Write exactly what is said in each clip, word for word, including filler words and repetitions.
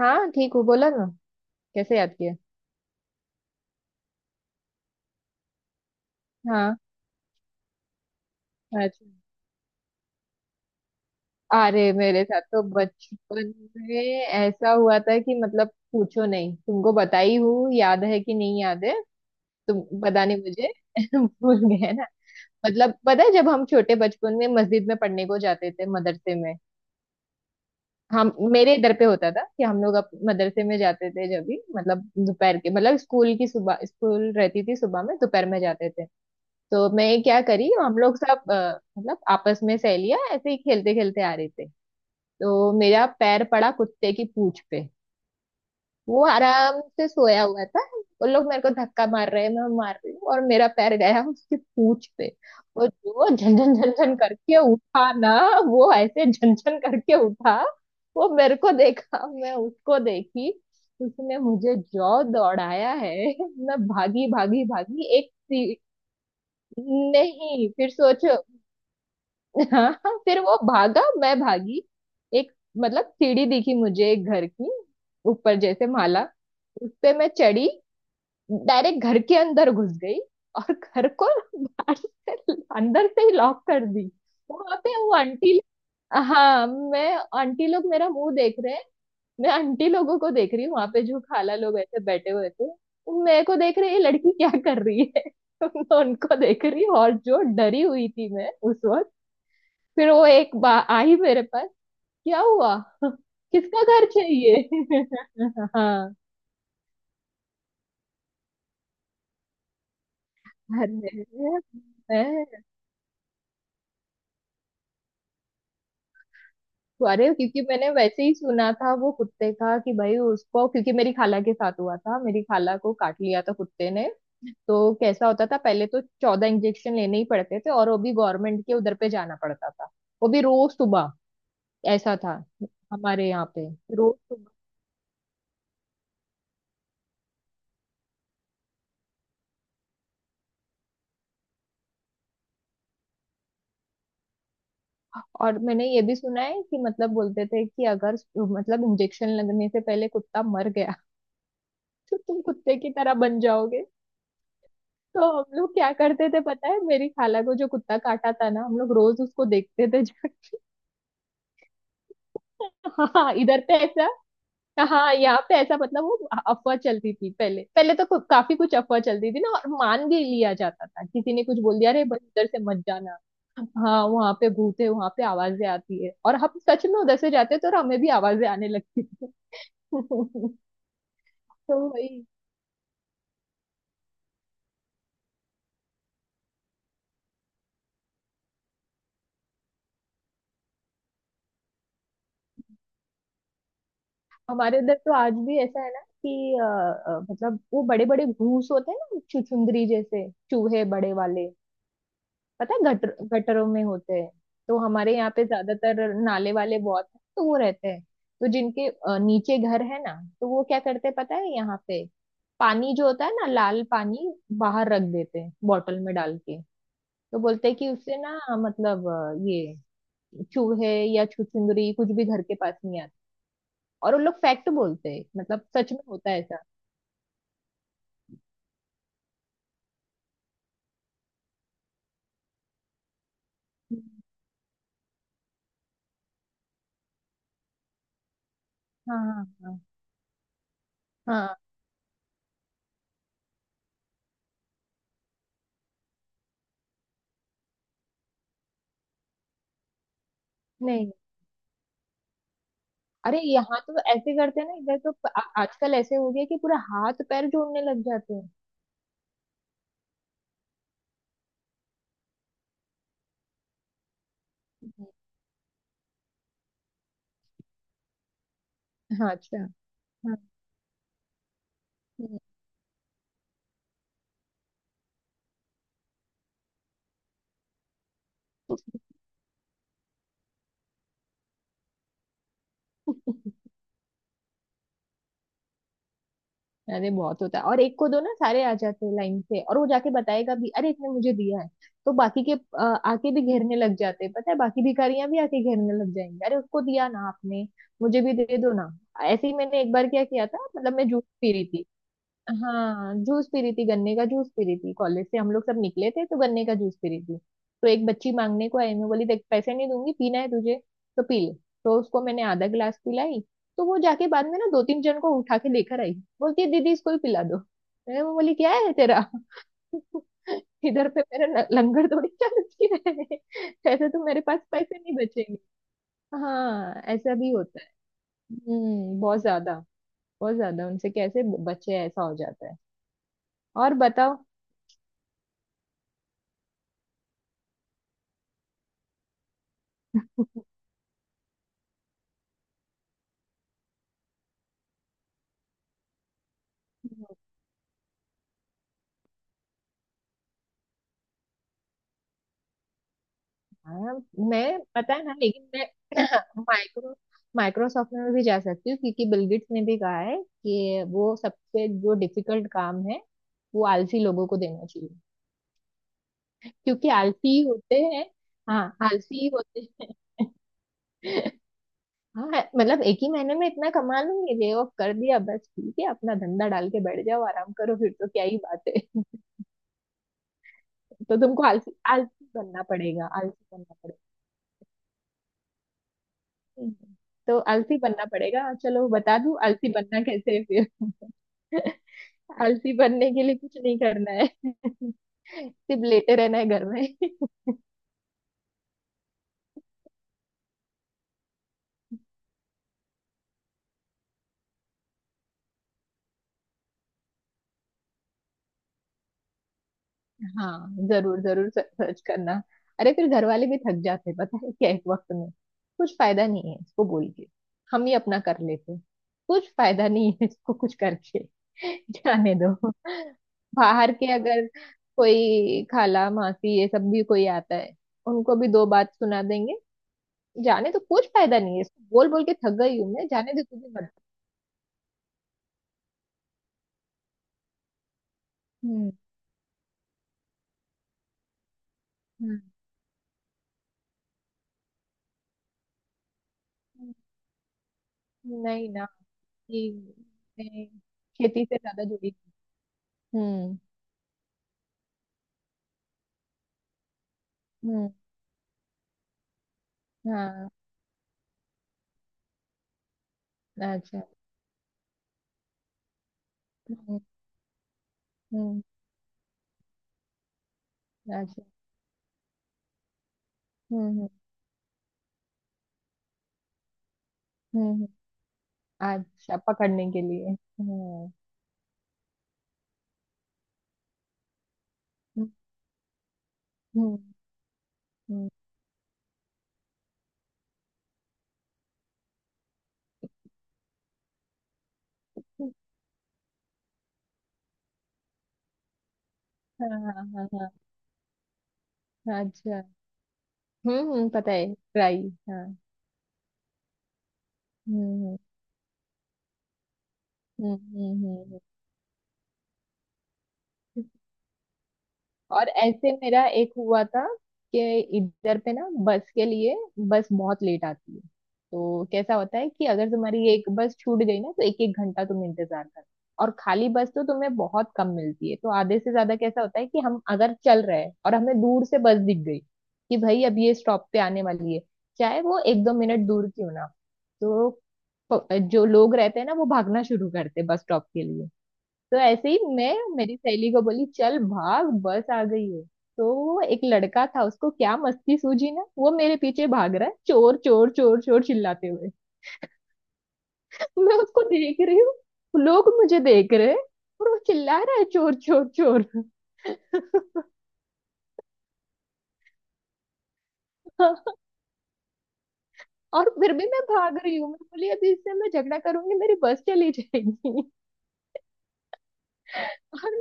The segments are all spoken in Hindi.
हाँ ठीक हूँ, बोला ना। कैसे याद किया? हाँ। अच्छा। अरे मेरे साथ तो बचपन में ऐसा हुआ था कि मतलब पूछो नहीं, तुमको बताई हूँ, याद है कि नहीं याद है? तुम पता नहीं मुझे भूल गए ना। मतलब पता है जब हम छोटे बचपन में मस्जिद में पढ़ने को जाते थे, मदरसे में। हम मेरे इधर पे होता था कि हम लोग अप मदरसे में जाते थे जब भी, मतलब दोपहर के, मतलब स्कूल की, सुबह स्कूल रहती थी, सुबह में, दोपहर में जाते थे। तो मैं क्या करी, हम लोग सब अ, मतलब आपस में सहेलियां ऐसे ही खेलते खेलते आ रहे थे। तो मेरा पैर पड़ा कुत्ते की पूंछ पे। वो आराम से सोया हुआ था। वो लोग मेरे को धक्का मार रहे हैं, मैं मार रही हूँ, और मेरा पैर गया उसकी पूंछ पे। और जो झनझन झनझन करके उठा ना। वो ऐसे झनझन करके उठा। वो मेरे को देखा, मैं उसको देखी। उसने मुझे जो दौड़ाया है, मैं भागी भागी भागी एक सी- नहीं, फिर सोचो। हाँ हाँ, फिर वो भागा, मैं भागी। एक, मतलब सीढ़ी दिखी मुझे एक घर की, ऊपर जैसे माला। उस पे मैं चढ़ी, डायरेक्ट घर के अंदर घुस गई। और घर को बाहर से, अंदर से ही लॉक कर दी। वहां पे वो आंटी, हाँ मैं, आंटी लोग मेरा मुंह देख रहे हैं, मैं आंटी लोगों को देख रही हूँ, वहां पे जो खाला लोग ऐसे बैठे हुए थे। वो मेरे को देख रहे हैं, ये लड़की क्या कर रही है। मैं उनको देख रही हूँ, और जो डरी हुई थी मैं उस वक्त। फिर वो एक बा आई मेरे पास, क्या हुआ? किसका घर चाहिए? हाँ। अरे मैं। अरे क्योंकि मैंने वैसे ही सुना था वो कुत्ते का कि भाई उसको, क्योंकि मेरी खाला के साथ हुआ था, मेरी खाला को काट लिया था कुत्ते ने। तो कैसा होता था पहले, तो चौदह इंजेक्शन लेने ही पड़ते थे, और वो भी गवर्नमेंट के उधर पे जाना पड़ता था। वो भी रोज सुबह। ऐसा था हमारे यहाँ पे। रोज। और मैंने ये भी सुना है कि मतलब बोलते थे कि अगर मतलब इंजेक्शन लगने से पहले कुत्ता मर गया तो तुम कुत्ते की तरह बन जाओगे। तो हम लोग क्या करते थे पता है, मेरी खाला को जो कुत्ता काटा था ना, हम लोग रोज उसको देखते थे जाके। हाँ, इधर पे ऐसा। हाँ, यहाँ पे ऐसा मतलब वो अफवाह चलती थी, पहले पहले तो कु- काफी कुछ अफवाह चलती थी ना, और मान भी लिया जाता था। किसी ने कुछ बोल दिया अरे बस इधर से मत जाना, हाँ वहां पे भूत है, वहां पे आवाजें आती है, और हम सच में उधर से जाते तो और हमें भी आवाजें आने लगती थी। तो वही। हमारे इधर तो आज भी ऐसा है ना कि अ, अ, मतलब वो बड़े बड़े घूस होते हैं ना, छुछुंदरी जैसे चूहे बड़े वाले, पता है, गटर गटरों में होते हैं। तो हमारे यहाँ पे ज्यादातर नाले वाले बहुत हैं, तो वो रहते हैं। तो जिनके अ, नीचे घर है ना, तो वो क्या करते हैं पता है, यहाँ पे पानी जो होता है ना, लाल पानी, बाहर रख देते हैं बॉटल में डाल के। तो बोलते हैं कि उससे ना, मतलब अ, ये चूहे या छुछुंदरी कुछ भी घर के पास नहीं आते। और उन लोग फैक्ट बोलते हैं, मतलब सच में होता है ऐसा। हाँ हाँ हाँ हाँ। नहीं। अरे यहाँ तो ऐसे करते हैं ना, इधर तो आ- आजकल ऐसे हो गया कि पूरा हाथ पैर जोड़ने लग जाते हैं। हम्म, हाँ। अच्छा। हाँ। हम्म, अरे बहुत होता है, और एक को दो ना, सारे आ जाते हैं लाइन से और वो जाके बताएगा भी, अरे इसने मुझे दिया है। तो बाकी के अ, आके भी घेरने लग जाते हैं। पता है बाकी भिखारियां भी आके घेरने लग जाएंगी, अरे उसको दिया ना आपने, मुझे भी दे दो ना। ऐसे ही मैंने एक बार क्या किया था, मतलब मैं जूस पी रही थी। हाँ जूस पी रही थी, गन्ने का जूस पी रही थी, कॉलेज से हम लोग सब निकले थे, तो गन्ने का जूस पी रही थी। तो एक बच्ची मांगने को आई, मैं बोली देख पैसे नहीं दूंगी, पीना है तुझे तो पी ले। तो उसको मैंने आधा गिलास पिलाई। तो वो जाके बाद में ना दो तीन जन को उठा के लेकर आई, बोलती है दीदी इसको ही पिला दो। मैं बोली क्या है तेरा। इधर पे मेरा न- लंगर थोड़ी चलती है, ऐसे तो मेरे पास पैसे नहीं बचेंगे। हाँ, ऐसा भी होता है। हम्म, बहुत ज्यादा। बहुत ज्यादा, उनसे कैसे बचे, ऐसा हो जाता है। और बताओ। हाँ, मैं पता है ना, लेकिन मैं माइक्रो माइक्रोसॉफ्ट में भी जा सकती हूँ, क्योंकि बिल गेट्स ने भी कहा है कि वो सबसे जो डिफिकल्ट काम है वो आलसी लोगों को देना चाहिए, क्योंकि आलसी ही होते हैं। हाँ, आलसी ही होते हैं। हाँ, मतलब एक ही महीने में इतना कमा लूंगी, ले ऑफ कर दिया बस, ठीक है, अपना धंधा डाल के बैठ जाओ, आराम करो, फिर तो क्या ही बात है। तो तुमको आलसी आलसी बनना पड़ेगा, आलसी बनना। हम्म। तो आलसी बनना पड़ेगा, चलो बता दूं आलसी बनना कैसे है। फिर आलसी बनने के लिए कुछ नहीं करना है, सिर्फ लेटे रहना है घर में। हाँ जरूर जरूर सर्च करना। अरे फिर घर वाले भी थक जाते हैं, पता है क्या एक वक्त में, कुछ फायदा नहीं है इसको बोल के, हम ही अपना कर लेते हैं। कुछ फायदा नहीं है इसको कुछ करके। जाने दो। बाहर के अगर कोई खाला मासी ये सब भी कोई आता है, उनको भी दो बात सुना देंगे। जाने तो कुछ फायदा नहीं है इसको, बोल बोल के थक गई हूँ मैं, जाने दे तू भी मत। हम्म हम्म। नहीं ना। कि मैं खेती से ज्यादा जुड़ी हूँ। हम्म हम्म हूँ। हाँ अच्छा। हम्म हम्म। अच्छा। हम्म हम्म हम्म, अच्छा, पकड़ने के लिए। हम्म हम्म हम्म हम्म, हाँ हाँ हाँ हाँ। अच्छा। हम्म हम्म, पता है ट्राई। हाँ हम्म हम्म हम्म हम्म हम्म, हम्म। और ऐसे मेरा एक हुआ था कि इधर पे ना बस के लिए, बस बहुत लेट आती है। तो कैसा होता है कि अगर तुम्हारी एक बस छूट गई ना तो एक एक घंटा तुम इंतजार कर। और खाली बस तो तुम्हें बहुत कम मिलती है, तो आधे से ज्यादा कैसा होता है कि हम अगर चल रहे हैं और हमें दूर से बस दिख गई, कि भाई अब ये स्टॉप पे आने वाली है, चाहे वो एक दो मिनट दूर क्यों ना हो, तो प- जो लोग रहते हैं ना वो भागना शुरू करते बस स्टॉप के लिए। तो ऐसे ही मैं मेरी सहेली को बोली चल भाग बस आ गई है। तो वो एक लड़का था, उसको क्या मस्ती सूझी ना, वो मेरे पीछे भाग रहा है चोर चोर चोर चोर चिल्लाते हुए। मैं उसको देख रही हूँ, लोग मुझे देख रहे हैं, और वो चिल्ला रहा है चोर चोर चोर। और फिर भी मैं भाग रही हूँ, मैं बोली अभी इससे मैं झगड़ा करूंगी मेरी बस चली जाएगी। अरे,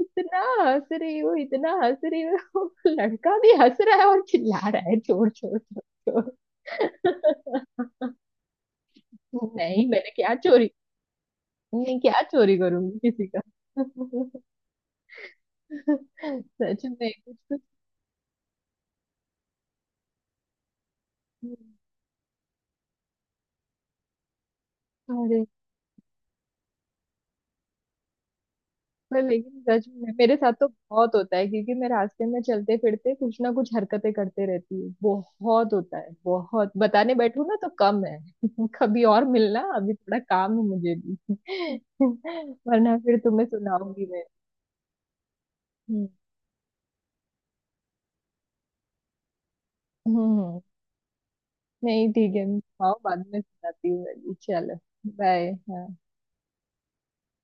इतना हंस रही हूँ, इतना हंस रही हूँ। लड़का भी हंस रहा है और चिल्ला रहा है चोर चोर चोर चोर। नहीं, मैंने क्या चोरी, मैं क्या चोरी करूंगी किसी का। सच में। अरे पर लेकिन सच में मेरे साथ तो बहुत होता है, क्योंकि मैं रास्ते में चलते फिरते कुछ ना कुछ हरकतें करते रहती हूँ, बहुत होता है, बहुत बताने बैठू ना तो कम है। कभी और मिलना, अभी थोड़ा काम है मुझे भी। वरना फिर तुम्हें सुनाऊंगी मैं। हम्म हम्म, हम्म। नहीं ठीक है। आओ बाद में सुनाती हूँ मैं भी। चलो। बाय।